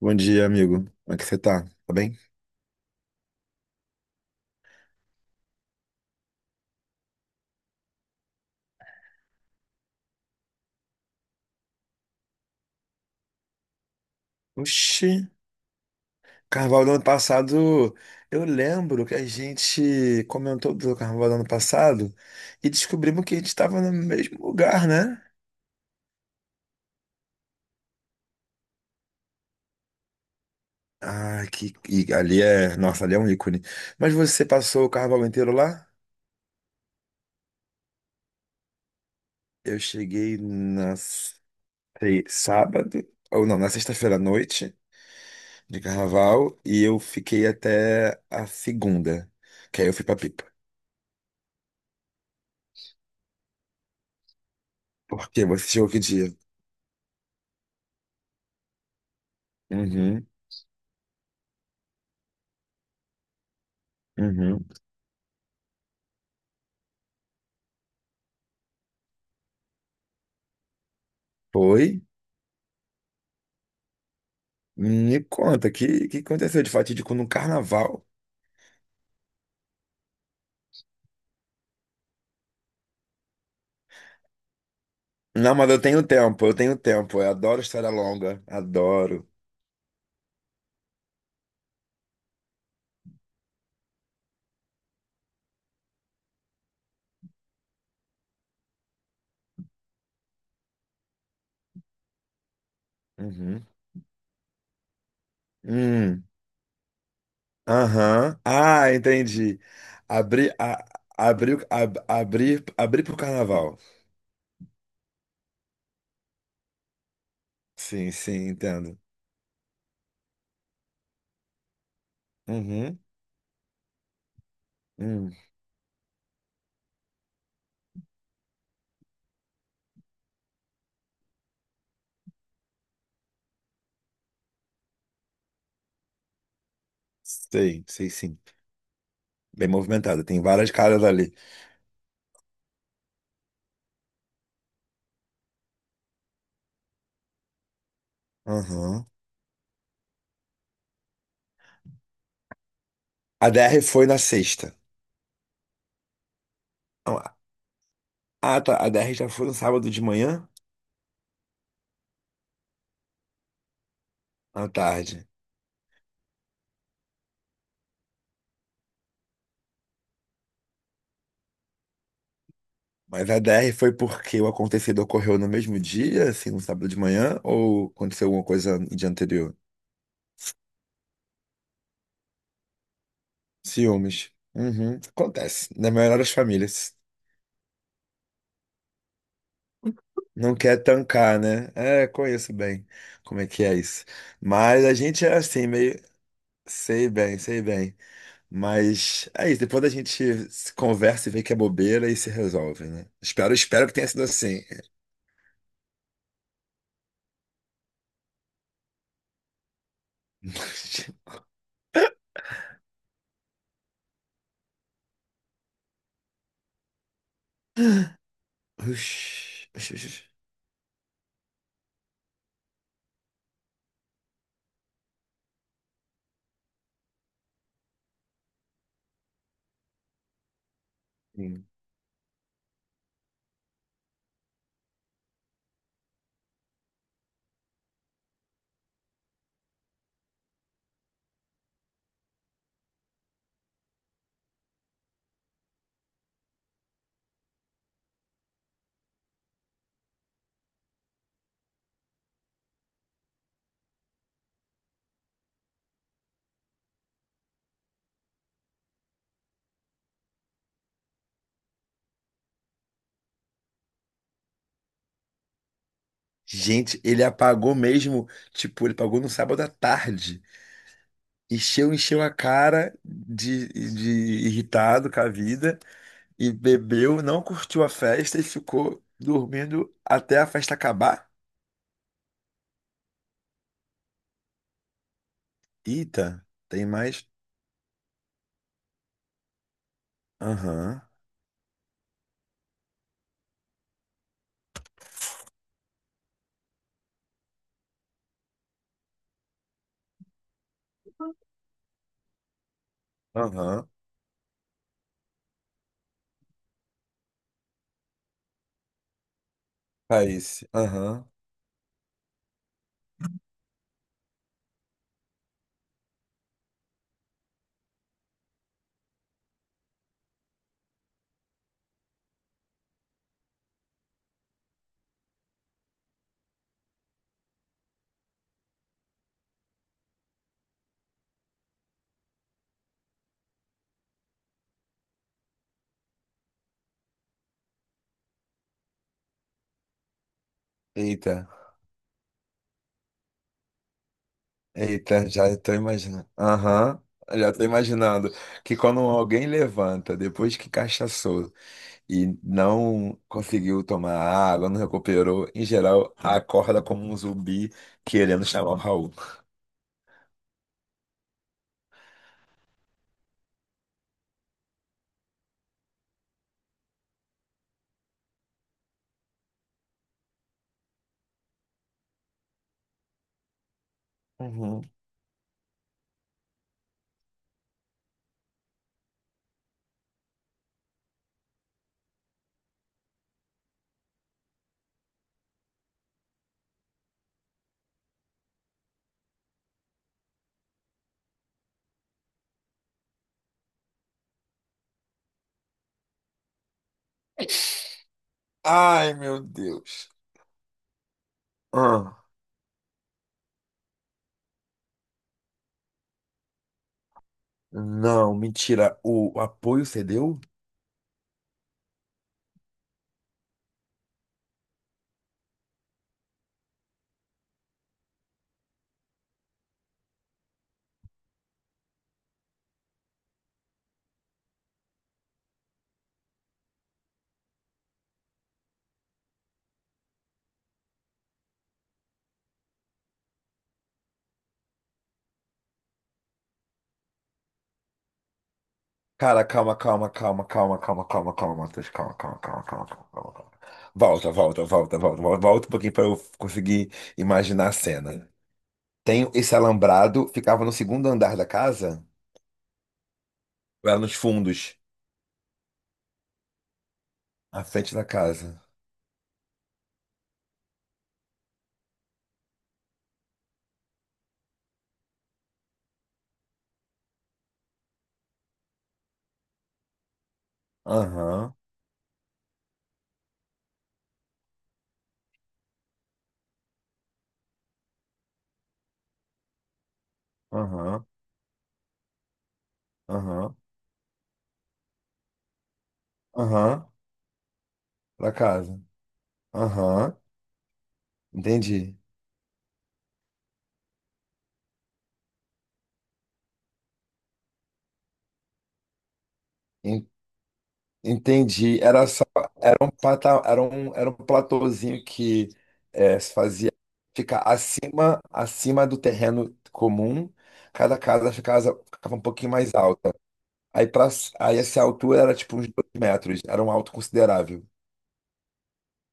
Bom dia, amigo. Como é que você tá? Tá bem? Oxi, carnaval do ano passado. Eu lembro que a gente comentou do carnaval do ano passado e descobrimos que a gente estava no mesmo lugar, né? Ah, que e ali é. Nossa, ali é um ícone. Mas você passou o carnaval inteiro lá? Eu cheguei na se- sábado, ou não, na sexta-feira à noite de carnaval e eu fiquei até a segunda, que aí eu fui pra Pipa. Porque você chegou que dia? Uhum. Uhum. Foi? Me conta, que aconteceu de fatídico no carnaval? Não, mas eu tenho tempo, eu tenho tempo. Eu adoro história longa, adoro. Uhum. Hum, aham. Ah, entendi. Abrir, abrir, abrir, abrir pro carnaval. Sim, sim, entendo. Uhum. Hum. Sei, sei sim. Bem movimentada, tem várias caras ali. Aham. A DR foi na sexta. Ah, tá, a DR já foi no sábado de manhã? À tarde. Mas a DR foi porque o acontecido ocorreu no mesmo dia, assim, no sábado de manhã, ou aconteceu alguma coisa no dia anterior? Ciúmes. Uhum. Acontece. Na maioria das famílias. Não quer tancar, né? É, conheço bem como é que é isso. Mas a gente é assim, meio. Sei bem, sei bem. Mas é isso. Depois a gente se conversa e vê que é bobeira e se resolve, né? Espero, espero que tenha sido assim. Ux, ux, ux. Gente, ele apagou mesmo, tipo, ele pagou no sábado à tarde. Encheu, encheu a de irritado com a vida e bebeu, não curtiu a festa e ficou dormindo até a festa acabar. Eita, tem mais? Aham, aham, País, aham. Eita, eita, já tô imaginando. Aham, já tô imaginando que quando alguém levanta, depois que cachaçou, e não conseguiu tomar água, não recuperou, em geral, acorda como um zumbi querendo chamar o Raul. Uhum. Ai, meu Deus. Ah, não, mentira. O apoio cedeu? Cara, calma, calma, calma, calma, calma, calma, calma, Matheus. Calma, calma, calma, calma, calma, calma, calma. Volta, volta, volta, volta, volta, volta um pouquinho para eu conseguir imaginar a cena. Tem esse alambrado, ficava no segundo andar da casa? Ou era nos fundos, à frente da casa. Aham. Aham, aham, aham, pra casa. Aham, entendi. En- Entendi. Era só, era um pata, era um platôzinho que é, se fazia ficar acima, acima do terreno comum. Cada casa ficava, ficava um pouquinho mais alta. Aí, pra, aí essa altura era tipo uns 2 metros, era um alto considerável.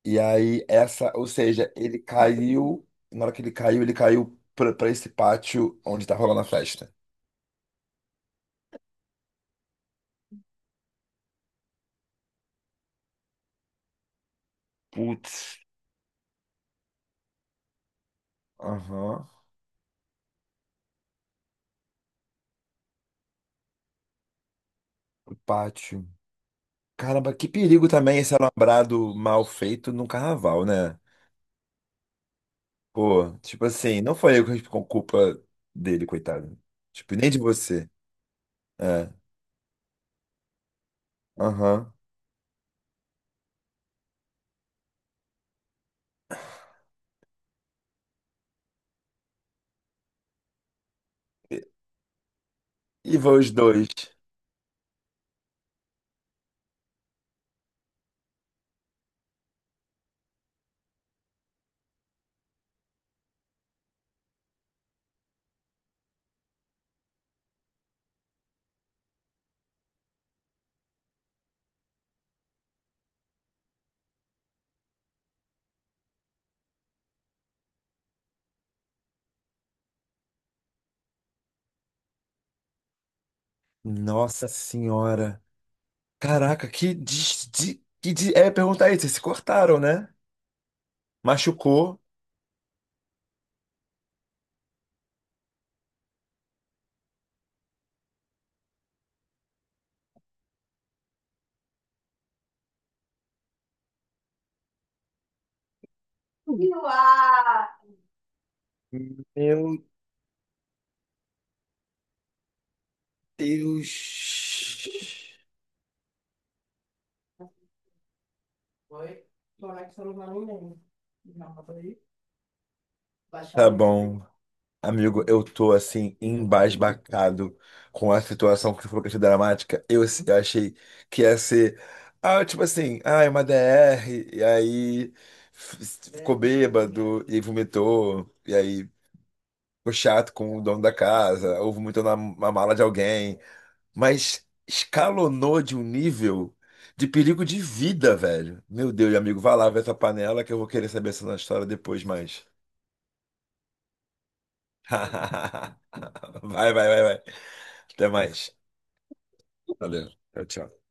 E aí essa, ou seja, ele caiu, na hora que ele caiu pra esse pátio onde tá rolando a festa. Putz. Aham. O pátio. Caramba, que perigo também esse alambrado mal feito num carnaval, né? Pô, tipo assim, não foi eu que com culpa dele, coitado. Tipo, nem de você. É. Aham. E, e vão os dois. Nossa senhora. Caraca, que des, de, que de, é perguntar isso, vocês se cortaram, né? Machucou. Uau! Meu Deus. Oi? Como é que você não vai nem lembrar? Baixar. Tá o. bom, amigo, eu tô assim embasbacado com a situação que foi, falou que achei dramática. Eu, assim, eu achei que ia ser, ah, tipo assim, ah, é uma DR, e aí f- ficou bêbado e aí vomitou, e aí ficou chato com o dono da casa. Ou vomitou na mala de alguém, mas escalonou de um nível de perigo de vida, velho. Meu Deus, amigo, vai lá ver essa panela que eu vou querer saber essa história depois mais. Vai, vai, vai, vai. Até mais. Valeu. Tchau, tchau.